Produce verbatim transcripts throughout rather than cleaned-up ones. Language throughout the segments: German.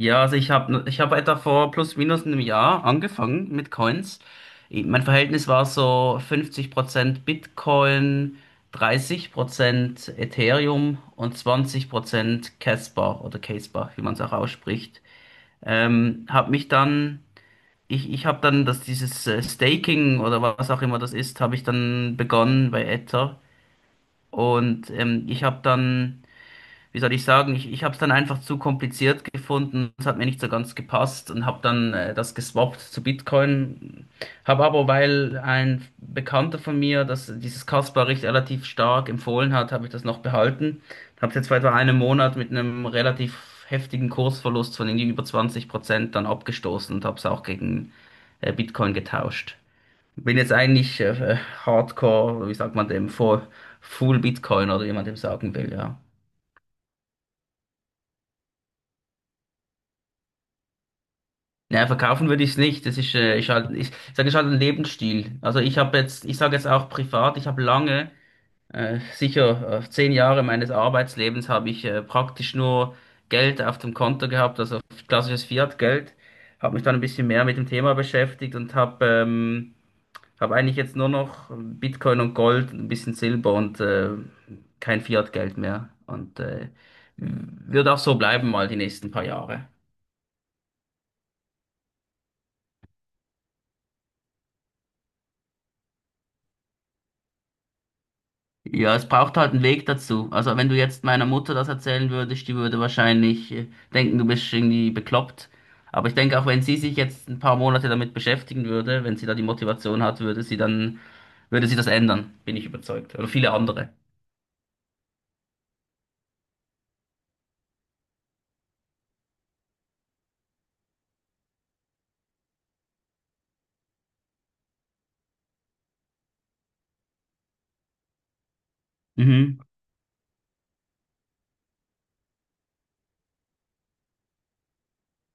Ja, also ich habe ich hab etwa vor plus minus einem Jahr angefangen mit Coins. Ich- Mein Verhältnis war so fünfzig Prozent Bitcoin, dreißig Prozent Ethereum und zwanzig Prozent Casper oder Casper, wie man es auch ausspricht. Ähm, hab mich dann, ich, ich habe dann das, dieses äh, Staking oder was auch immer das ist, habe ich dann begonnen bei Ether. Und ähm, ich habe dann, wie soll ich sagen, ich, ich habe es dann einfach zu kompliziert gefunden, es hat mir nicht so ganz gepasst und habe dann äh, das geswappt zu Bitcoin. Habe aber, weil ein Bekannter von mir das, dieses Kaspar-Richt relativ stark empfohlen hat, habe ich das noch behalten. Habe es jetzt vor etwa einem Monat mit einem relativ heftigen Kursverlust von irgendwie über zwanzig Prozent dann abgestoßen und habe es auch gegen äh, Bitcoin getauscht. Bin jetzt eigentlich äh, äh, Hardcore, wie sagt man dem, Full Full Bitcoin oder wie man dem sagen will, ja. Ja, verkaufen würde ich es nicht. Das ist, äh, ist halt, ich sage, ist halt ein Lebensstil. Also ich habe jetzt, ich sage jetzt auch privat, ich habe lange, äh, sicher äh, zehn Jahre meines Arbeitslebens habe ich äh, praktisch nur Geld auf dem Konto gehabt, also klassisches Fiat-Geld. Habe mich dann ein bisschen mehr mit dem Thema beschäftigt und habe ähm, habe eigentlich jetzt nur noch Bitcoin und Gold, ein bisschen Silber und äh, kein Fiat-Geld mehr. Und äh, wird auch so bleiben mal die nächsten paar Jahre. Ja, es braucht halt einen Weg dazu. Also wenn du jetzt meiner Mutter das erzählen würdest, die würde wahrscheinlich äh, denken, du bist irgendwie bekloppt. Aber ich denke, auch wenn sie sich jetzt ein paar Monate damit beschäftigen würde, wenn sie da die Motivation hat, würde sie dann, würde sie das ändern, bin ich überzeugt. Oder viele andere. Mhm.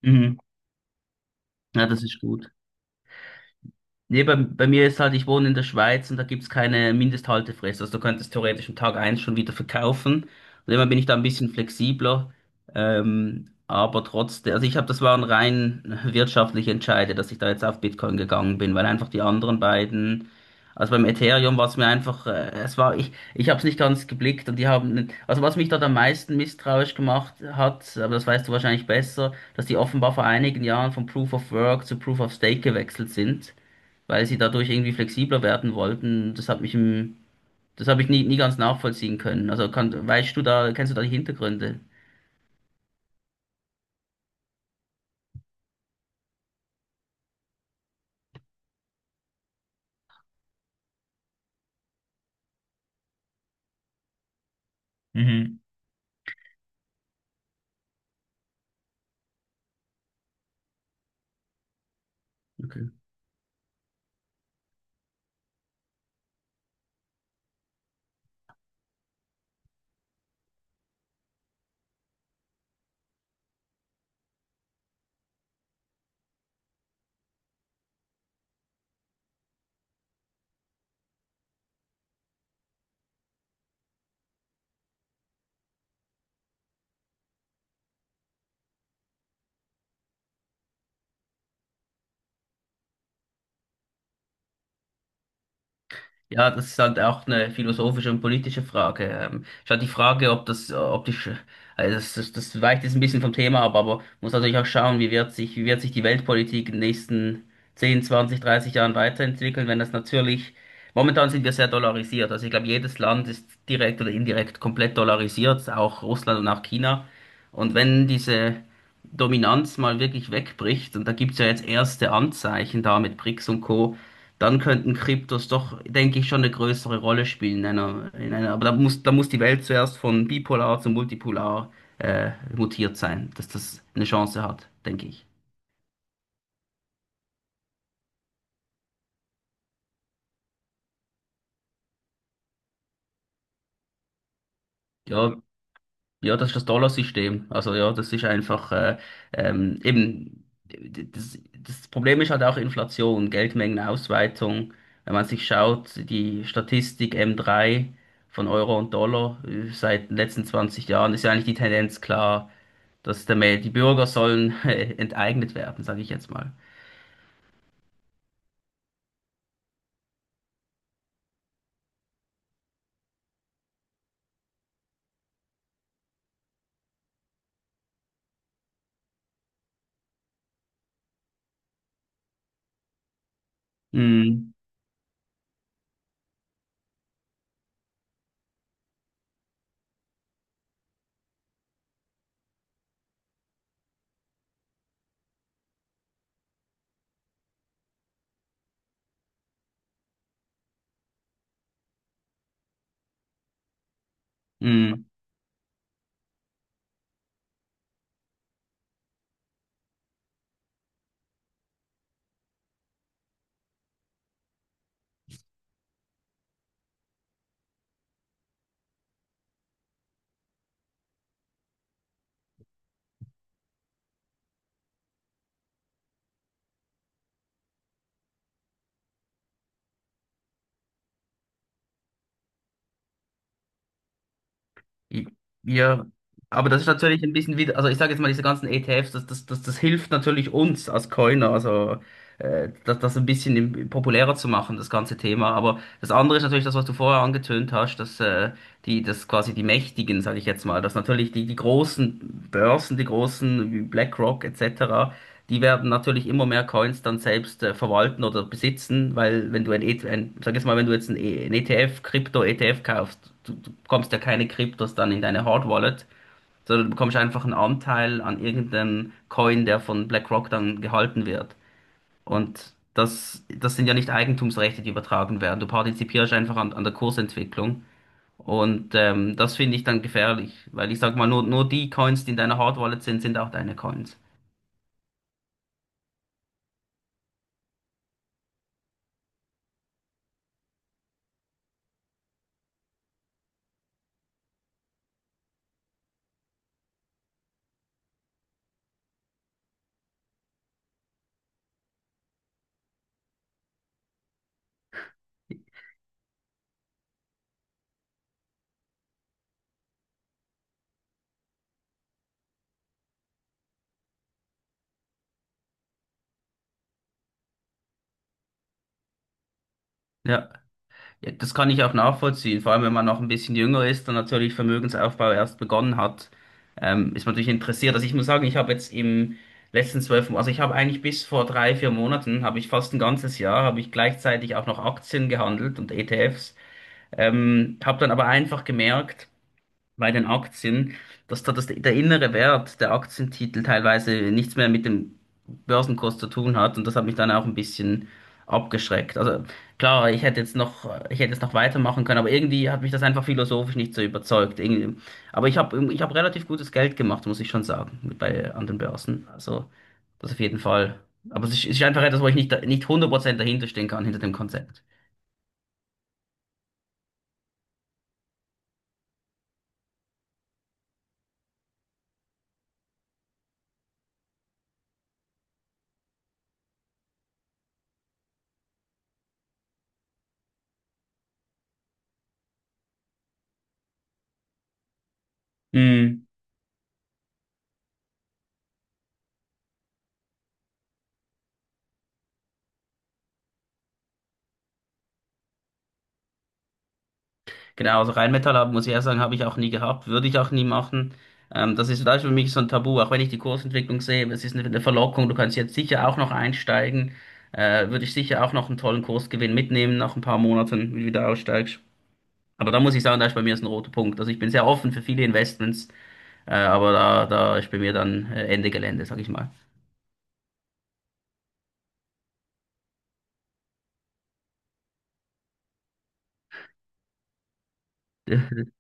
Mhm. Ja, das ist gut. Nee, bei, bei mir ist halt, ich wohne in der Schweiz und da gibt's keine Mindesthaltefrist. Also du könntest theoretisch am Tag eins schon wieder verkaufen. Und immer bin ich da ein bisschen flexibler. Ähm, aber trotzdem, also ich habe, das waren rein wirtschaftliche Entscheide, dass ich da jetzt auf Bitcoin gegangen bin, weil einfach die anderen beiden, also beim Ethereum war es mir einfach, äh, es war, ich, ich habe es nicht ganz geblickt und die haben, nicht- also was mich dort am meisten misstrauisch gemacht hat, aber das weißt du wahrscheinlich besser, dass die offenbar vor einigen Jahren von Proof of Work zu Proof of Stake gewechselt sind, weil sie dadurch irgendwie flexibler werden wollten. Das hat mich im, das habe ich nie, nie ganz nachvollziehen können. Also kann, weißt du da, kennst du da die Hintergründe? Mhm. Okay. Ja, das ist halt auch eine philosophische und politische Frage. Ähm, ist halt die Frage, ob das, äh, ob die, Sch- also das, das, das weicht jetzt ein bisschen vom Thema ab, aber muss natürlich auch schauen, wie wird sich, wie wird sich die Weltpolitik in den nächsten zehn, zwanzig, dreißig Jahren weiterentwickeln, wenn das natürlich, momentan sind wir sehr dollarisiert. Also ich glaube, jedes Land ist direkt oder indirekt komplett dollarisiert, auch Russland und auch China. Und wenn diese Dominanz mal wirklich wegbricht, und da gibt's ja jetzt erste Anzeichen da mit BRICS und Co., dann könnten Kryptos doch, denke ich, schon eine größere Rolle spielen in einer, in einer, aber da muss, da muss die Welt zuerst von bipolar zu multipolar äh, mutiert sein, dass das eine Chance hat, denke ich. Ja, Ja, das ist das Dollarsystem. Also ja, das ist einfach äh, ähm, eben das, das Problem ist halt auch Inflation, Geldmengenausweitung. Wenn man sich schaut, die Statistik M drei von Euro und Dollar äh, seit den letzten zwanzig Jahren ist ja eigentlich die Tendenz klar, dass der, Mä- die Bürger sollen äh, enteignet werden, sage ich jetzt mal. Mm, mm. I- Ja, aber das ist natürlich ein bisschen wieder, also ich sage jetzt mal, diese ganzen E T Effs, das, das, das, das hilft natürlich uns als Coiner, also äh, das, das ein bisschen im- populärer zu machen, das ganze Thema. Aber das andere ist natürlich das, was du vorher angetönt hast, dass äh, die, dass quasi die Mächtigen, sage ich jetzt mal, dass natürlich die, die großen Börsen, die großen wie BlackRock et cetera, die werden natürlich immer mehr Coins dann selbst äh, verwalten oder besitzen, weil wenn du ein, E- T F, ein sag jetzt mal, wenn du jetzt ein, E- ein E T Eff, Krypto-E T Eff kaufst, du, du bekommst ja keine Kryptos dann in deine Hard Wallet, sondern du bekommst einfach einen Anteil an irgendeinem Coin, der von BlackRock dann gehalten wird. Und das, das sind ja nicht Eigentumsrechte, die übertragen werden. Du partizipierst einfach an, an der Kursentwicklung. Und ähm, das finde ich dann gefährlich, weil ich sag mal, nur, nur die Coins, die in deiner Hard Wallet sind, sind auch deine Coins. Ja. Ja, das kann ich auch nachvollziehen, vor allem wenn man noch ein bisschen jünger ist und natürlich Vermögensaufbau erst begonnen hat, ähm, ist man natürlich interessiert. Also ich muss sagen, ich habe jetzt im letzten zwölf, Mo- also ich habe eigentlich bis vor drei, vier Monaten, habe ich fast ein ganzes Jahr, habe ich gleichzeitig auch noch Aktien gehandelt und E T Effs, ähm, habe dann aber einfach gemerkt, bei den Aktien, dass da das der innere Wert der Aktientitel teilweise nichts mehr mit dem Börsenkurs zu tun hat und das hat mich dann auch ein bisschen abgeschreckt. Also klar, ich hätte jetzt noch, ich hätte jetzt noch weitermachen können, aber irgendwie hat mich das einfach philosophisch nicht so überzeugt. Irgendwie. Aber ich habe, ich habe relativ gutes Geld gemacht, muss ich schon sagen, mit bei anderen Börsen. Also das auf jeden Fall. Aber es ist, es ist einfach etwas, wo ich nicht, nicht hundert Prozent dahinter stehen kann, hinter dem Konzept. Mm. Genau, also Rheinmetall muss ich ehrlich sagen, habe ich auch nie gehabt, würde ich auch nie machen. Ähm, das ist, das ist für mich so ein Tabu, auch wenn ich die Kursentwicklung sehe, es ist eine, eine Verlockung, du kannst jetzt sicher auch noch einsteigen, äh, würde ich sicher auch noch einen tollen Kursgewinn mitnehmen nach ein paar Monaten, wenn du wieder aussteigst. Aber da muss ich sagen, da ist bei mir ist ein roter Punkt. Also ich bin sehr offen für viele Investments, äh, aber da, da ist bei mir dann äh, Ende Gelände, sag ich mal.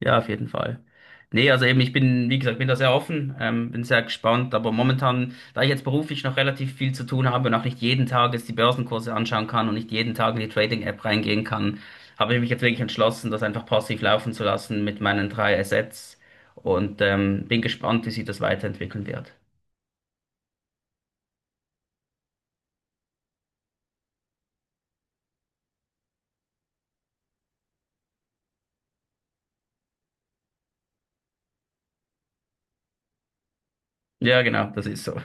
Ja, auf jeden Fall. Nee, also eben, ich bin, wie gesagt, bin da sehr offen, ähm, bin sehr gespannt, aber momentan, da ich jetzt beruflich noch relativ viel zu tun habe und auch nicht jeden Tag jetzt die Börsenkurse anschauen kann und nicht jeden Tag in die Trading-App reingehen kann, habe ich mich jetzt wirklich entschlossen, das einfach passiv laufen zu lassen mit meinen drei Assets und ähm, bin gespannt, wie sich das weiterentwickeln wird. Ja, genau, das ist so.